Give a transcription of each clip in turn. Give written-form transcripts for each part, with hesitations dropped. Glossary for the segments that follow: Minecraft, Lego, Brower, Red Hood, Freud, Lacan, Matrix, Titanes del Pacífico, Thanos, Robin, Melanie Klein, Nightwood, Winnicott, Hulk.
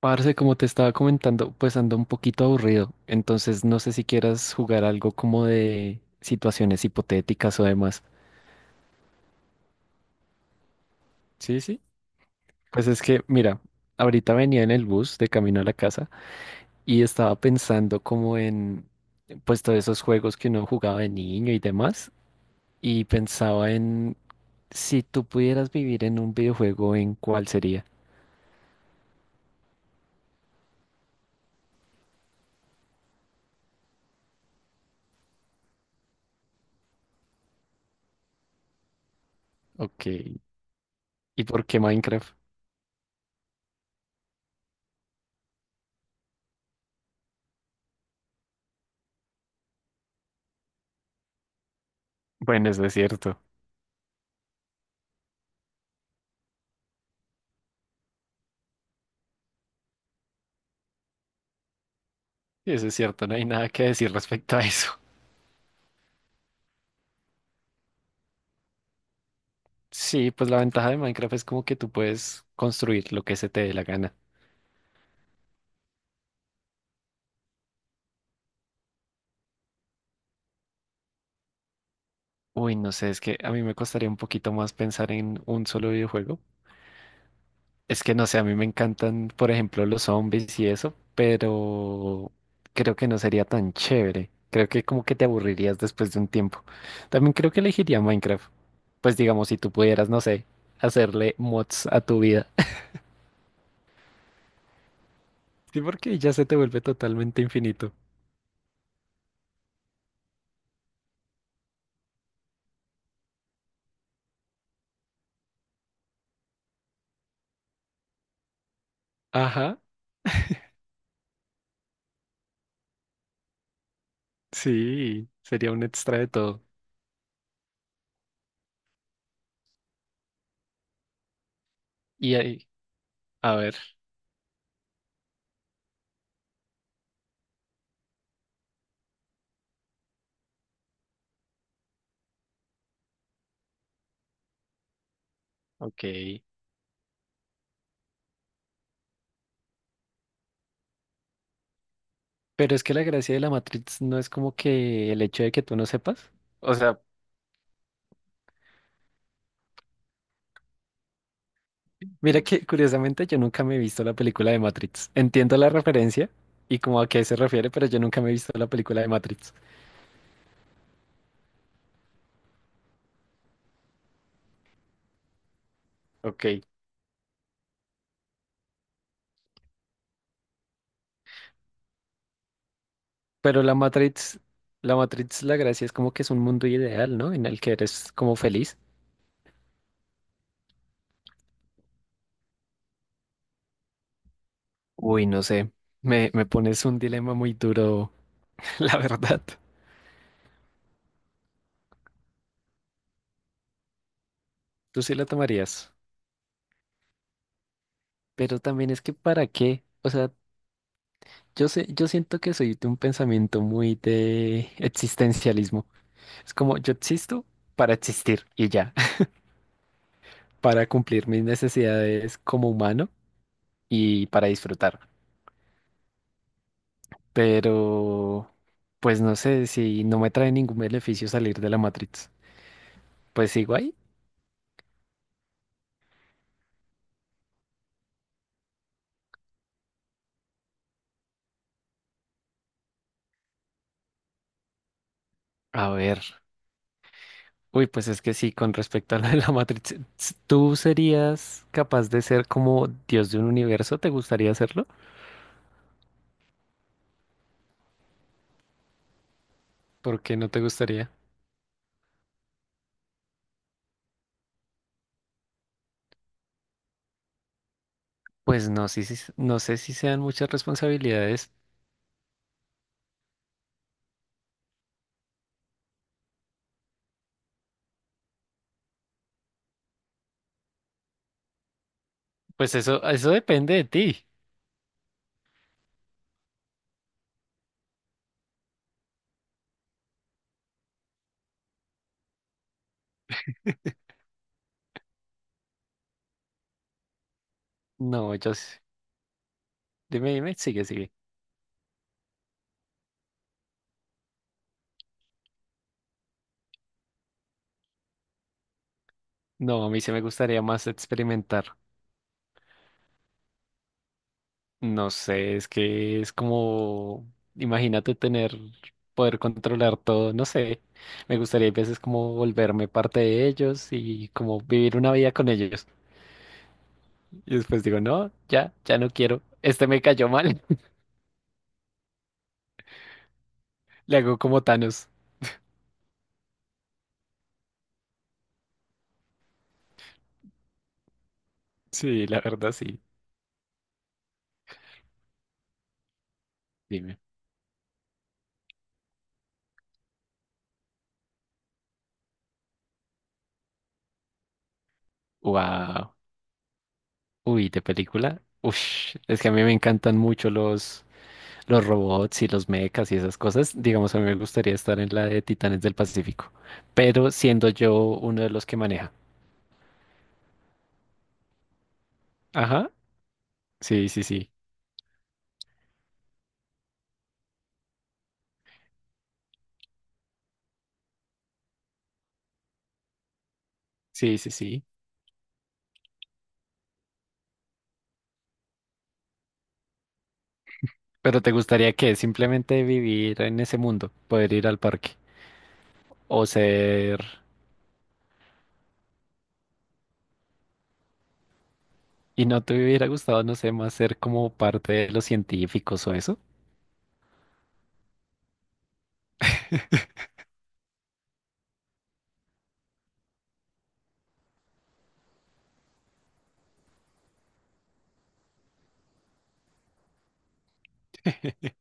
Parce, como te estaba comentando, pues ando un poquito aburrido, entonces no sé si quieras jugar algo como de situaciones hipotéticas o demás. Sí, sí. Pues es que, mira, ahorita venía en el bus de camino a la casa y estaba pensando como en, pues todos esos juegos que uno jugaba de niño y demás, y pensaba en si tú pudieras vivir en un videojuego, ¿en cuál sería? Ok. ¿Y por qué Minecraft? Bueno, eso es cierto, no hay nada que decir respecto a eso. Sí, pues la ventaja de Minecraft es como que tú puedes construir lo que se te dé la gana. Uy, no sé, es que a mí me costaría un poquito más pensar en un solo videojuego. Es que no sé, a mí me encantan, por ejemplo, los zombies y eso, pero creo que no sería tan chévere. Creo que como que te aburrirías después de un tiempo. También creo que elegiría Minecraft. Pues digamos, si tú pudieras, no sé, hacerle mods a tu vida. Sí, porque ya se te vuelve totalmente infinito. Ajá, sí, sería un extra de todo. Y ahí- A ver, ok. Pero es que la gracia de la Matrix no es como que el hecho de que tú no sepas. O sea, mira que curiosamente yo nunca me he visto la película de Matrix. Entiendo la referencia y como a qué se refiere, pero yo nunca me he visto la película de Matrix. Ok. Pero la Matrix, la Matrix, la gracia es como que es un mundo ideal, ¿no? En el que eres como feliz. Uy, no sé. Me pones un dilema muy duro, la verdad. Tú sí la tomarías. Pero también es que ¿para qué? O sea, yo sé, yo siento que soy de un pensamiento muy de existencialismo. Es como yo existo para existir y ya, para cumplir mis necesidades como humano y para disfrutar. Pero, pues no sé si no me trae ningún beneficio salir de la Matrix. Pues sigo ahí. A ver. Uy, pues es que sí, con respecto a lo de la Matrix, ¿tú serías capaz de ser como Dios de un universo? ¿Te gustaría hacerlo? ¿Por qué no te gustaría? Pues no, sí, no sé si sean muchas responsabilidades. Pues eso depende de ti. No, dime, dime, sigue, sigue. No, a mí sí me gustaría más experimentar. No sé, es que es como, imagínate tener, poder controlar todo, no sé. Me gustaría a veces como volverme parte de ellos y como vivir una vida con ellos. Y después digo, no, ya, ya no quiero. Este me cayó mal. Le hago como Thanos. Sí, la verdad, sí. Dime. Wow. Uy, de película. Ush, es que a mí me encantan mucho los robots y los mechas y esas cosas. Digamos, a mí me gustaría estar en la de Titanes del Pacífico, pero siendo yo uno de los que maneja. Ajá. Sí, sí, sí. Sí, sí, sí. Pero ¿te gustaría que simplemente vivir en ese mundo, poder ir al parque o ser... ¿Y no te hubiera gustado, no sé, más ser como parte de los científicos o eso?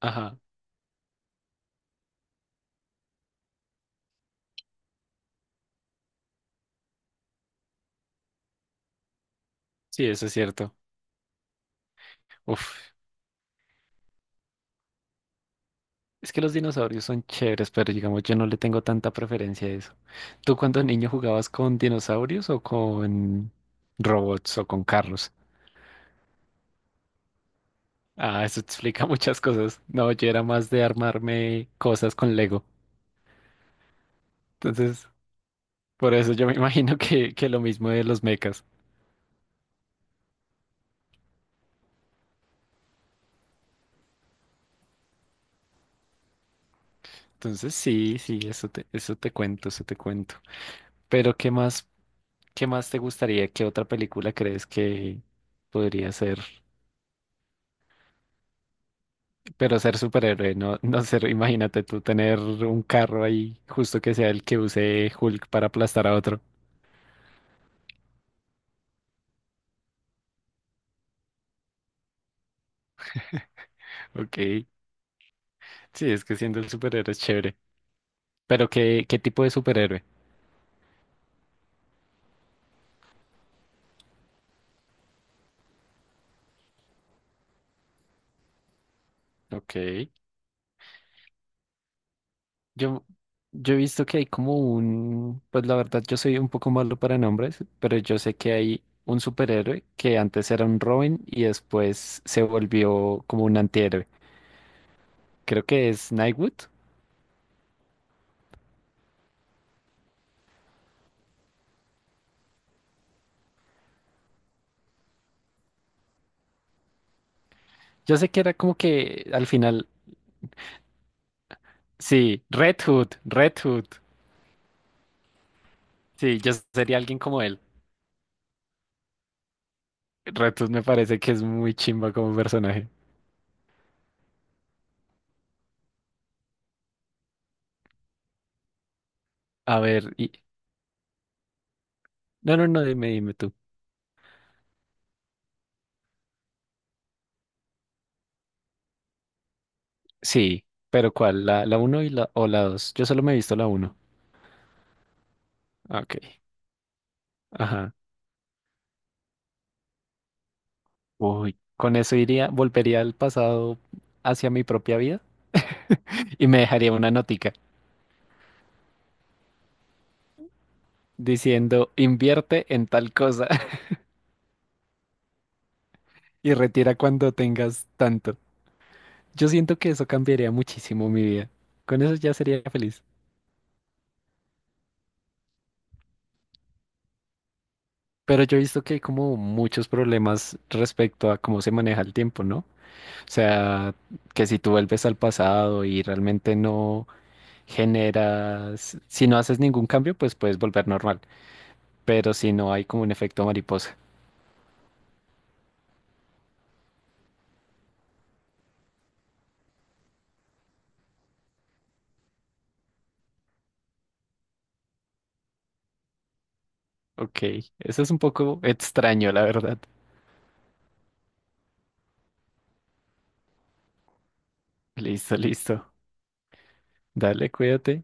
Ajá. Sí, eso es cierto. Uf. Es que los dinosaurios son chéveres, pero digamos, yo no le tengo tanta preferencia a eso. ¿Tú cuando niño jugabas con dinosaurios o con robots o con carros? Ah, eso explica muchas cosas. No, yo era más de armarme cosas con Lego. Entonces, por eso yo me imagino que, lo mismo de los mechas. Entonces, sí, sí, eso te cuento, Pero, qué más te gustaría? ¿Qué otra película crees que podría ser? Pero ser superhéroe, no, no ser, imagínate tú tener un carro ahí, justo que sea el que use Hulk para aplastar a otro. Ok. Sí, es que siendo el superhéroe es chévere. Pero ¿qué tipo de superhéroe? Ok. Yo, yo he visto que hay como un, pues la verdad yo soy un poco malo para nombres, pero yo sé que hay un superhéroe que antes era un Robin y después se volvió como un antihéroe. Creo que es Nightwood. Yo sé que era como que al final, sí, Red Hood, Red Hood. Sí, yo sería alguien como él. Retus me parece que es muy chimba como personaje. A ver, y... No, no, no, dime, dime tú. Sí, pero ¿cuál? ¿La uno y la, o la dos? Yo solo me he visto la uno. Ah, ok, ajá. Uy, con eso iría, volvería al pasado hacia mi propia vida y me dejaría una notica diciendo invierte en tal cosa y retira cuando tengas tanto. Yo siento que eso cambiaría muchísimo mi vida. Con eso ya sería feliz. Pero yo he visto que hay como muchos problemas respecto a cómo se maneja el tiempo, ¿no? O sea, que si tú vuelves al pasado y realmente no generas, si no haces ningún cambio, pues puedes volver normal, pero si no hay como un efecto mariposa. Ok, eso es un poco extraño, la verdad. Listo, listo. Dale, cuídate.